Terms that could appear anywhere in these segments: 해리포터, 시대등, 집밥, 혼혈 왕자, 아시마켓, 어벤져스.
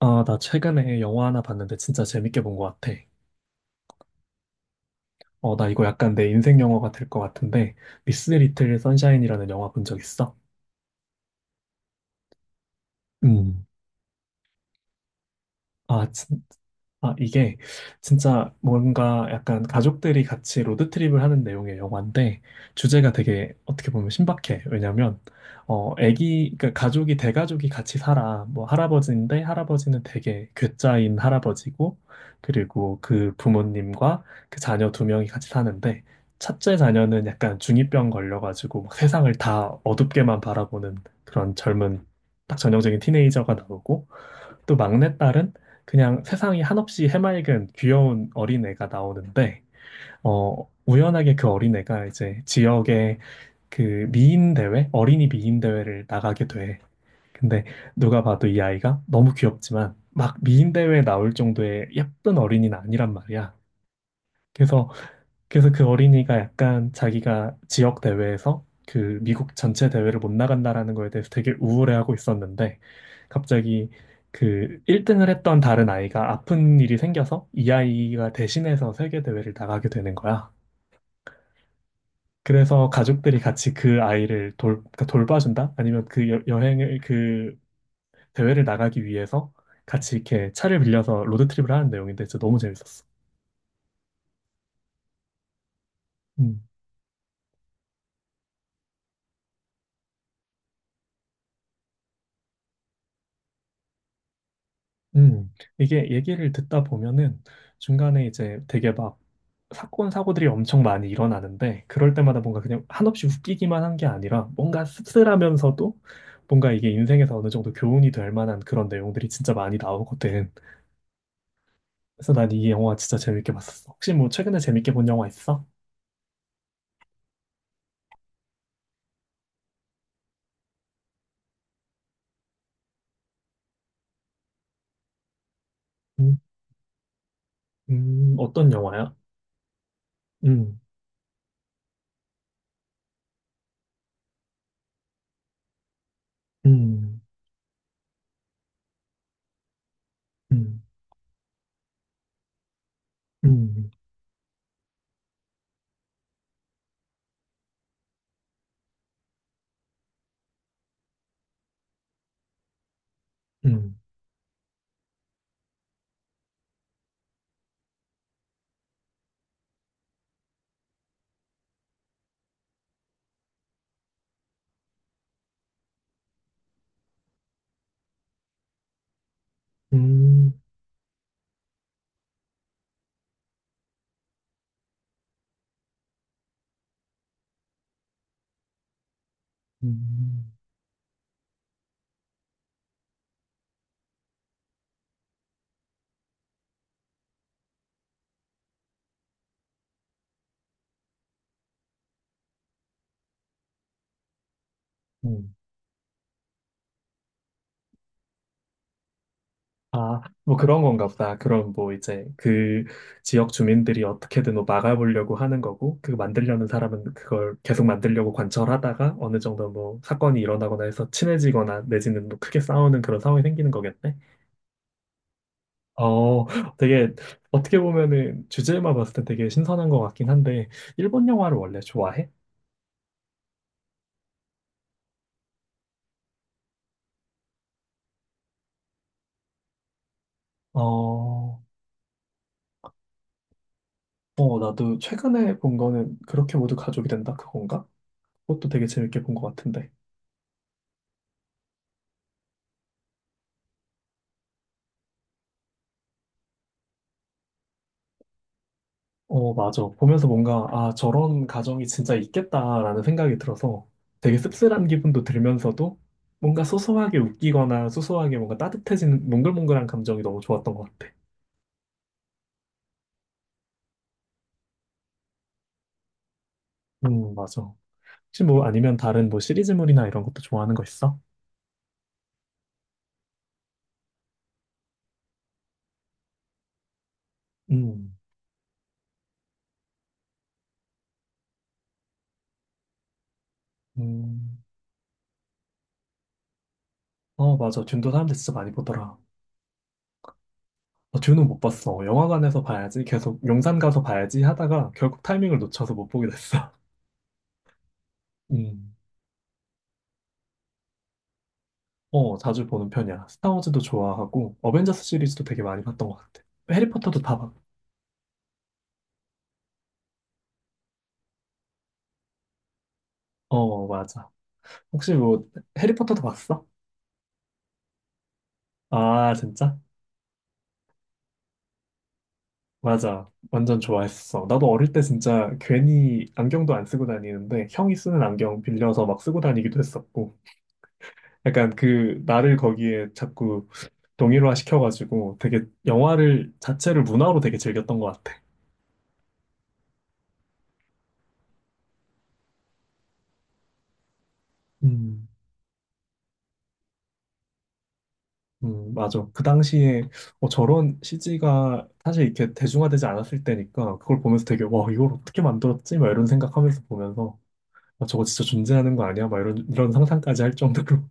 아, 나 최근에 영화 하나 봤는데 진짜 재밌게 본 것 같아. 나 이거 약간 내 인생 영화가 될 것 같은데, 미스 리틀 선샤인이라는 영화 본 적 있어? 음. 아, 진, 아, 이게 진짜 뭔가 약간 가족들이 같이 로드트립을 하는 내용의 영화인데 주제가 되게 어떻게 보면 신박해. 왜냐면 애기 그러니까 가족이 대가족이 같이 살아. 뭐 할아버지인데 할아버지는 되게 괴짜인 할아버지고 그리고 그 부모님과 그 자녀 두 명이 같이 사는데 첫째 자녀는 약간 중이병 걸려가지고 막 세상을 다 어둡게만 바라보는 그런 젊은 딱 전형적인 티네이저가 나오고 또 막내딸은 그냥 세상이 한없이 해맑은 귀여운 어린애가 나오는데, 우연하게 그 어린애가 이제 지역의 그 미인 대회, 어린이 미인 대회를 나가게 돼. 근데 누가 봐도 이 아이가 너무 귀엽지만 막 미인 대회에 나올 정도의 예쁜 어린이는 아니란 말이야. 그래서 그래서 그 어린이가 약간 자기가 지역 대회에서 그 미국 전체 대회를 못 나간다라는 거에 대해서 되게 우울해하고 있었는데 갑자기 그 1등을 했던 다른 아이가 아픈 일이 생겨서 이 아이가 대신해서 세계 대회를 나가게 되는 거야. 그래서 가족들이 같이 그 아이를 그러니까 돌봐준다? 아니면 여행을 그 대회를 나가기 위해서 같이 이렇게 차를 빌려서 로드트립을 하는 내용인데 진짜 너무 재밌었어. 음. 음, 이게 얘기를 듣다 보면은 중간에 이제 되게 막 사건, 사고들이 엄청 많이 일어나는데 그럴 때마다 뭔가 그냥 한없이 웃기기만 한게 아니라 뭔가 씁쓸하면서도 뭔가 이게 인생에서 어느 정도 교훈이 될 만한 그런 내용들이 진짜 많이 나오거든. 그래서 난 이 영화 진짜 재밌게 봤었어. 혹시 뭐 최근에 재밌게 본 영화 있어? 음. 어떤 영화야? 음. 음. 음. 음. 음. 음. 음. 음. 아, 뭐 그런 건가 보다. 그럼 뭐 이제 그 지역 주민들이 어떻게든 뭐 막아보려고 하는 거고, 그 만들려는 사람은 그걸 계속 만들려고 관철하다가 어느 정도 뭐 사건이 일어나거나 해서 친해지거나 내지는 뭐 크게 싸우는 그런 상황이 생기는 거겠네. 어, 되게 어떻게 보면은 주제만 봤을 때 되게 신선한 것 같긴 한데, 일본 영화를 원래 좋아해? 어, 나도 최근에 본 거는 그렇게 모두 가족이 된다 그건가? 그것도 되게 재밌게 본 것 같은데. 어, 맞아. 보면서 뭔가, 아, 저런 가정이 진짜 있겠다라는 생각이 들어서 되게 씁쓸한 기분도 들면서도 뭔가 소소하게 웃기거나 소소하게 뭔가 따뜻해지는 몽글몽글한 감정이 너무 좋았던 것 같아. 맞아. 혹시 뭐 아니면 다른 뭐 시리즈물이나 이런 것도 좋아하는 거 있어? 음. 음. 어, 맞아. 듄도 사람들 진짜 많이 보더라. 어, 듄은 못 봤어. 영화관에서 봐야지. 계속 용산 가서 봐야지 하다가 결국 타이밍을 놓쳐서 못 보게 됐어. 음. 어, 자주 보는 편이야. 스타워즈도 좋아하고, 어벤져스 시리즈도 되게 많이 봤던 것 같아. 해리포터도 다 봤, 어, 맞아. 혹시 뭐, 해리포터도 봤어? 아, 진짜? 맞아. 완전 좋아했어. 나도 어릴 때 진짜 괜히 안경도 안 쓰고 다니는데, 형이 쓰는 안경 빌려서 막 쓰고 다니기도 했었고, 약간 그, 나를 거기에 자꾸 동일화 시켜가지고, 되게 영화를, 자체를 문화로 되게 즐겼던 것 같아. 음. 맞아. 그 당시에 저런 CG가 사실 이렇게 대중화되지 않았을 때니까 그걸 보면서 되게 와, 이걸 어떻게 만들었지? 막 이런 생각하면서 보면서 아, 저거 진짜 존재하는 거 아니야? 막 이런 상상까지 할 정도로.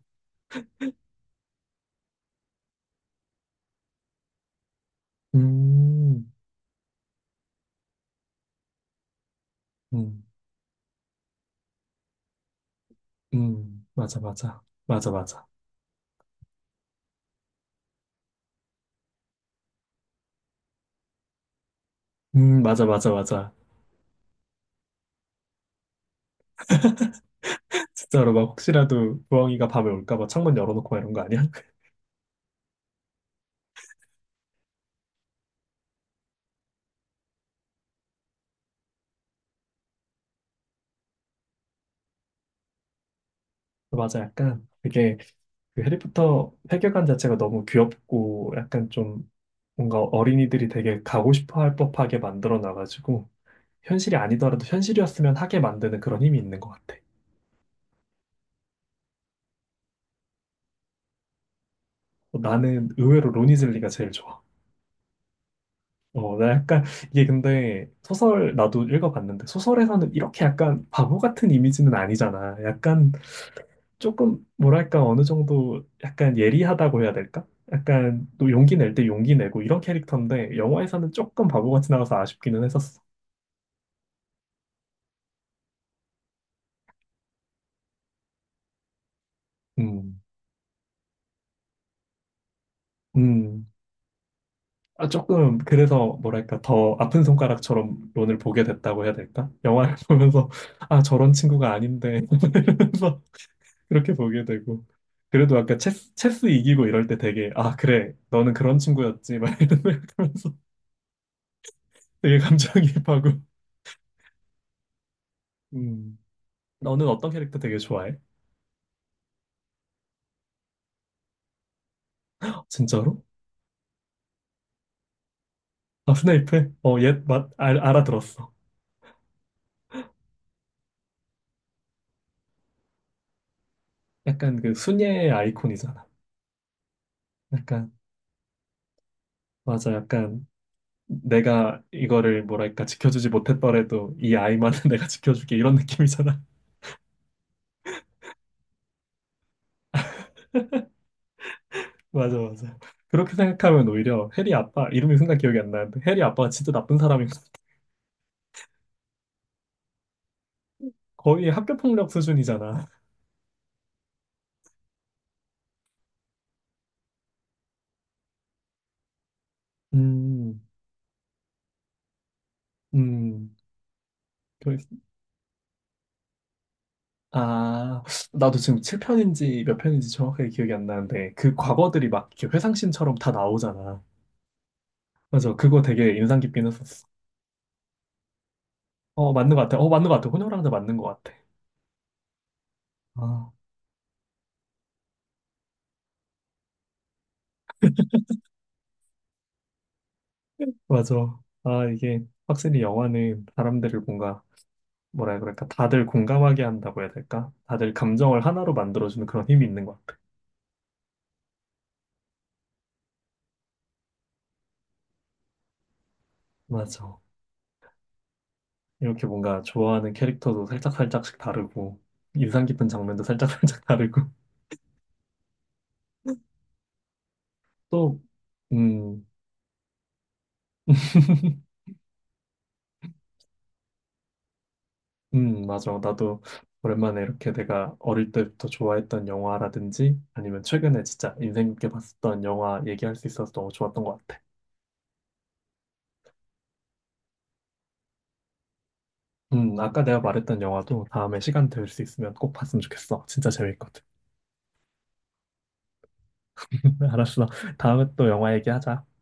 음. 음. 음. 맞아. 맞아. 맞아. 맞아. 맞아, 맞아, 맞아. 진짜로 막 혹시라도 부엉이가 밤에 올까 봐 창문 열어놓고 막 이런 거 아니야? 맞아, 약간 되게 그 해리포터 세계관 자체가 너무 귀엽고 약간 좀 뭔가 어린이들이 되게 가고 싶어 할 법하게 만들어 놔가지고 현실이 아니더라도 현실이었으면 하게 만드는 그런 힘이 있는 것 같아. 어, 나는 의외로 로니즐리가 제일 좋아. 어, 나 약간 이게 근데 소설 나도 읽어봤는데 소설에서는 이렇게 약간 바보 같은 이미지는 아니잖아. 약간 조금 뭐랄까 어느 정도 약간 예리하다고 해야 될까? 약간 또 용기 낼 때 용기 내고 이런 캐릭터인데 영화에서는 조금 바보 같이 나와서 아쉽기는 했었어. 음. 음. 아, 조금, 그래서, 뭐랄까, 더 아픈 손가락처럼 론을 보게 됐다고 해야 될까? 영화를 보면서, 아, 저런 친구가 아닌데, 이러면서 그렇게 보게 되고. 그래도 아까 체스 이기고 이럴 때 되게, 아, 그래, 너는 그런 친구였지, 막 이러면서 되게 감정이입하고. 음. 너는 어떤 캐릭터 되게 좋아해? 진짜로? 아, 스네이프? 알아들었어. 약간 그 순애의 아이콘이잖아. 약간, 맞아, 약간. 내가 이거를 뭐랄까 지켜주지 못했더라도 이 아이만은 내가 지켜줄게 이런 느낌이잖아. 맞아, 맞아. 그렇게 생각하면 오히려 해리 아빠 이름이 순간 기억이 안 나는데 해리 아빠가 진짜 나쁜 사람인 거 거의 학교 폭력 수준이잖아. 음. 음. 그- 아, 나도 지금 7편인지 몇 편인지 정확하게 기억이 안 나는데 그 과거들이 막 이렇게 회상씬처럼 다 나오잖아. 맞아, 그거 되게 인상 깊긴 했었어. 어, 맞는 것 같아. 어, 맞는 것 같아. 혼혈 왕자 맞는 것 같아. 아, 맞아. 아, 이게 확실히 영화는 사람들을 뭔가, 뭐라 해야 그럴까, 다들 공감하게 한다고 해야 될까? 다들 감정을 하나로 만들어주는 그런 힘이 있는 것 같아. 맞아. 이렇게 뭔가 좋아하는 캐릭터도 살짝살짝씩 다르고, 인상 깊은 장면도 살짝살짝 다르고, 또, 음, 맞아. 나도 오랜만에 이렇게 내가 어릴 때부터 좋아했던 영화라든지, 아니면 최근에 진짜 인생 깊게 봤었던 영화 얘기할 수 있어서 너무 좋았던 것 같아. 아까 내가 말했던 영화도 다음에 시간 될 수 있으면 꼭 봤으면 좋겠어. 진짜 재밌거든. 알았어. 다음에 또 영화 얘기하자.